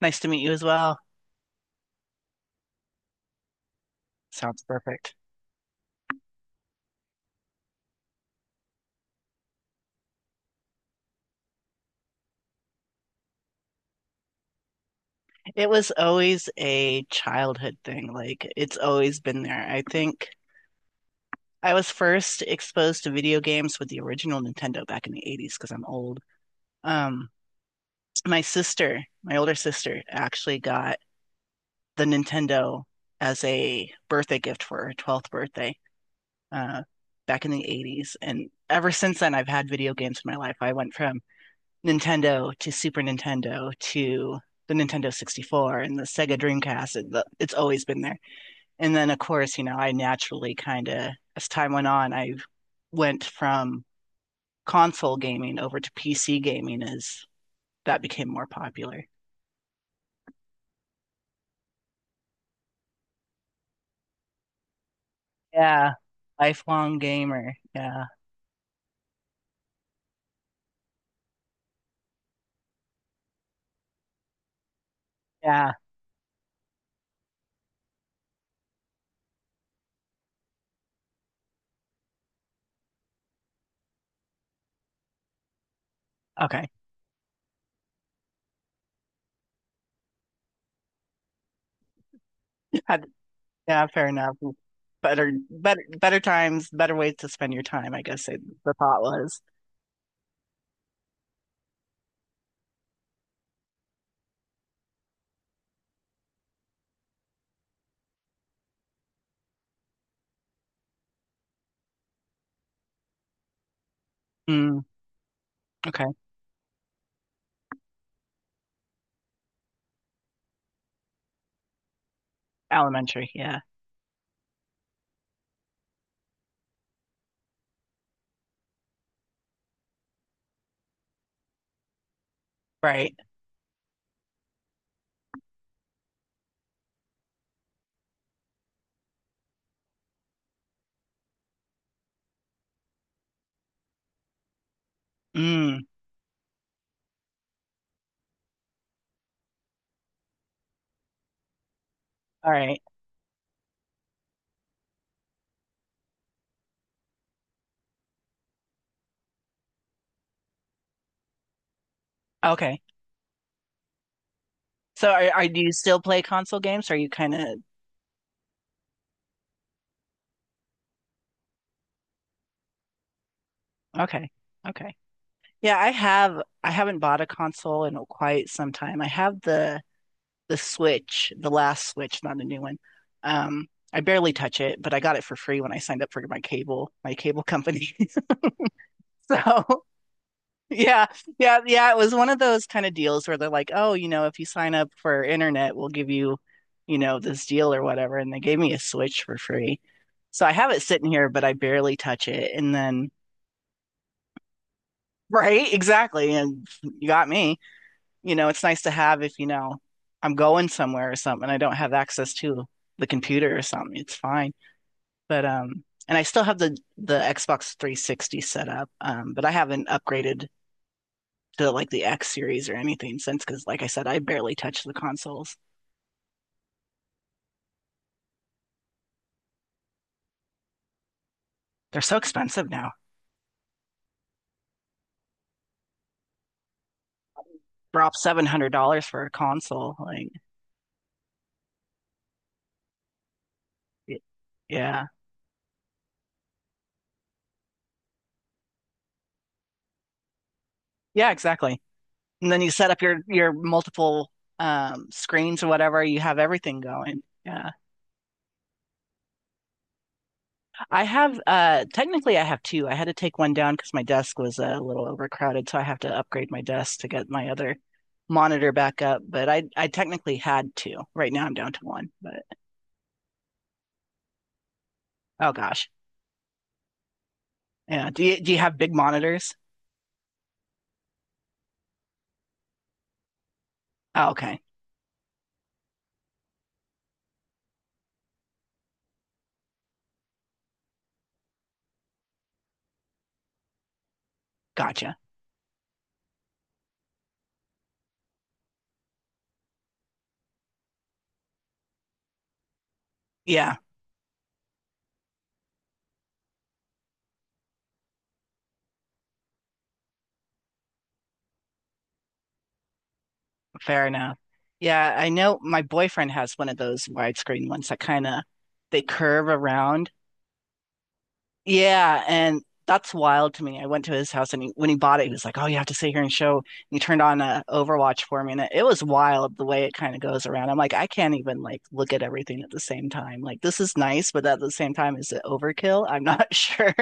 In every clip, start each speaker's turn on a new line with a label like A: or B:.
A: Nice to meet you as well. Sounds perfect. It was always a childhood thing. Like, it's always been there. I think I was first exposed to video games with the original Nintendo back in the 80s because I'm old. Um, my sister, my older sister, actually got the Nintendo as a birthday gift for her 12th birthday uh, back in the 80s. And ever since then, I've had video games in my life. I went from Nintendo to Super Nintendo to the Nintendo 64 and the Sega Dreamcast. It's always been there. And then, of course, you know, I naturally kind of, as time went on, I went from console gaming over to PC gaming as that became more popular. Yeah. Lifelong gamer. Yeah. Yeah. Okay. Yeah, fair enough. Better times, better ways to spend your time, I guess it, the thought was. Mm, okay. Elementary. Yeah. Right. Mm. All right. Okay. So are do you still play console games? Are you kind of okay. Okay. Yeah, I haven't bought a console in quite some time. I have the Switch, the last Switch, not a new one. I barely touch it, but I got it for free when I signed up for my cable company. So Yeah, yeah. It was one of those kind of deals where they're like, oh, you know, if you sign up for internet, we'll give you, you know, this deal or whatever. And they gave me a Switch for free. So I have it sitting here, but I barely touch it. And then, right, exactly. And you got me. You know, it's nice to have if, you know, I'm going somewhere or something. I don't have access to the computer or something. It's fine. But, and I still have the Xbox 360 set up, but I haven't upgraded to like the X series or anything since, because like I said, I barely touch the consoles. They're so expensive now. Drop $700 for a console. Like, y- yeah. Yeah, exactly. And then you set up your multiple screens or whatever, you have everything going. Yeah. I have technically I have two. I had to take one down because my desk was a little overcrowded, so I have to upgrade my desk to get my other monitor back up. But I technically had two. Right now I'm down to one. But oh gosh. Yeah. Do you have big monitors? Oh, okay. Gotcha. Yeah, fair enough. Yeah, I know my boyfriend has one of those widescreen ones that kind of they curve around. Yeah, and that's wild to me. I went to his house and when he bought it, he was like, "Oh, you have to sit here and show." And he turned on Overwatch for me, and it was wild the way it kind of goes around. I'm like, I can't even like look at everything at the same time. Like this is nice, but at the same time, is it overkill? I'm not sure.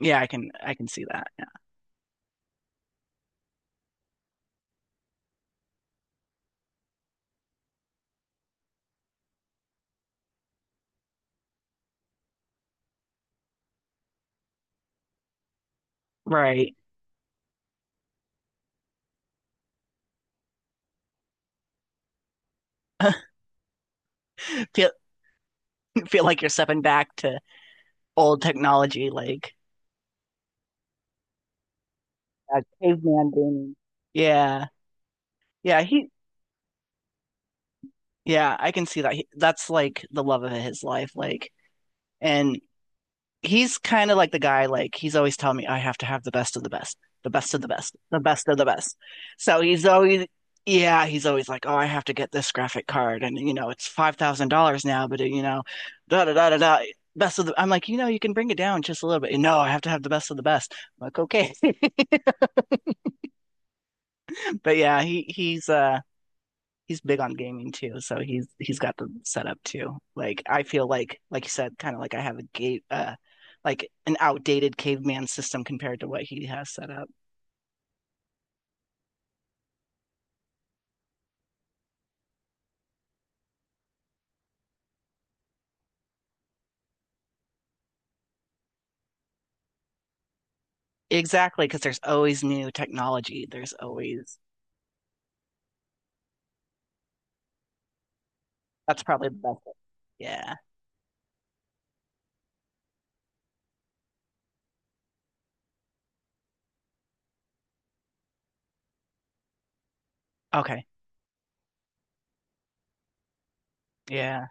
A: Yeah, I can see that. Right. Feel like you're stepping back to old technology. Like, caveman gaming. yeah, yeah, I can see that. He, that's like the love of his life. Like, and he's kind of like the guy. Like, he's always telling me I have to have the best of the best of the best of the best. So he's always. Yeah, he's always like, "Oh, I have to get this graphic card, and you know it's $5,000 now." But you know, da da da da da best of the I'm like, you know, you can bring it down just a little bit. No, I have to have the best of the best. I'm like, okay. But yeah, he's he's big on gaming too, so he's got the setup too. Like I feel like you said, kind of like I have a gate like an outdated caveman system compared to what he has set up. Exactly, because there's always new technology. There's always that's probably the best. Way. Yeah. Okay. Yeah.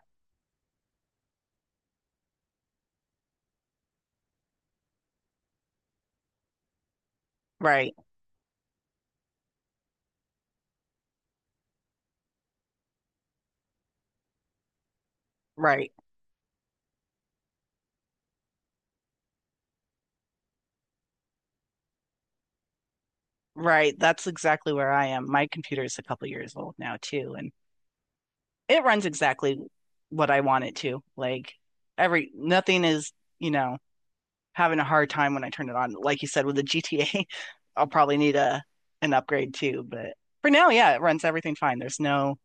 A: Right. Right. Right. That's exactly where I am. My computer is a couple years old now too, and it runs exactly what I want it to. Like every nothing is, you know, having a hard time when I turn it on. Like you said, with the GTA, I'll probably need a an upgrade too. But for now, yeah, it runs everything fine. There's no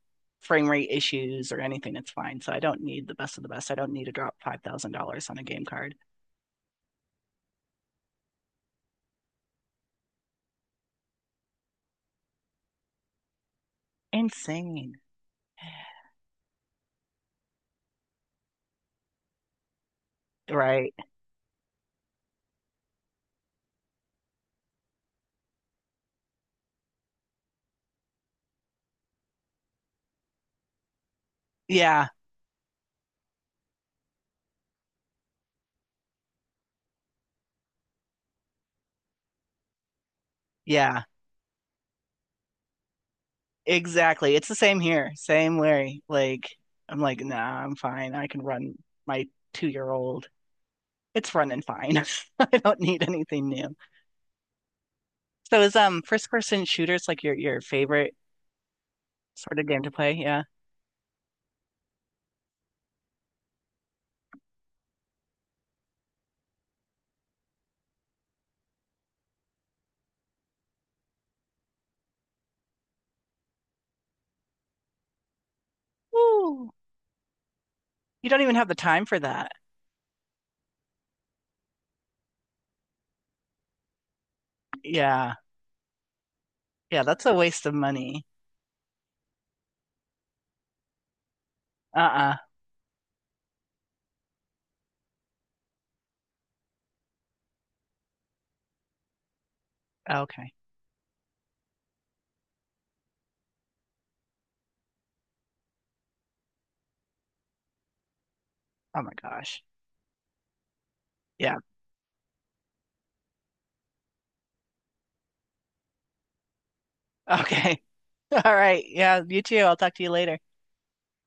A: frame rate issues or anything. It's fine. So I don't need the best of the best. I don't need to drop $5,000 on a game card. Insane. Right. Yeah. Yeah. Exactly. It's the same here. Same worry. Like I'm like, nah, I'm fine. I can run my 2 year old. It's running fine. I don't need anything new. So is first person shooters like your favorite sort of game to play. Yeah. Woo. You don't even have the time for that. Yeah. Yeah, that's a waste of money. Uh-uh. Okay. Oh my gosh. Yeah. Okay. All right. Yeah, you too. I'll talk to you later.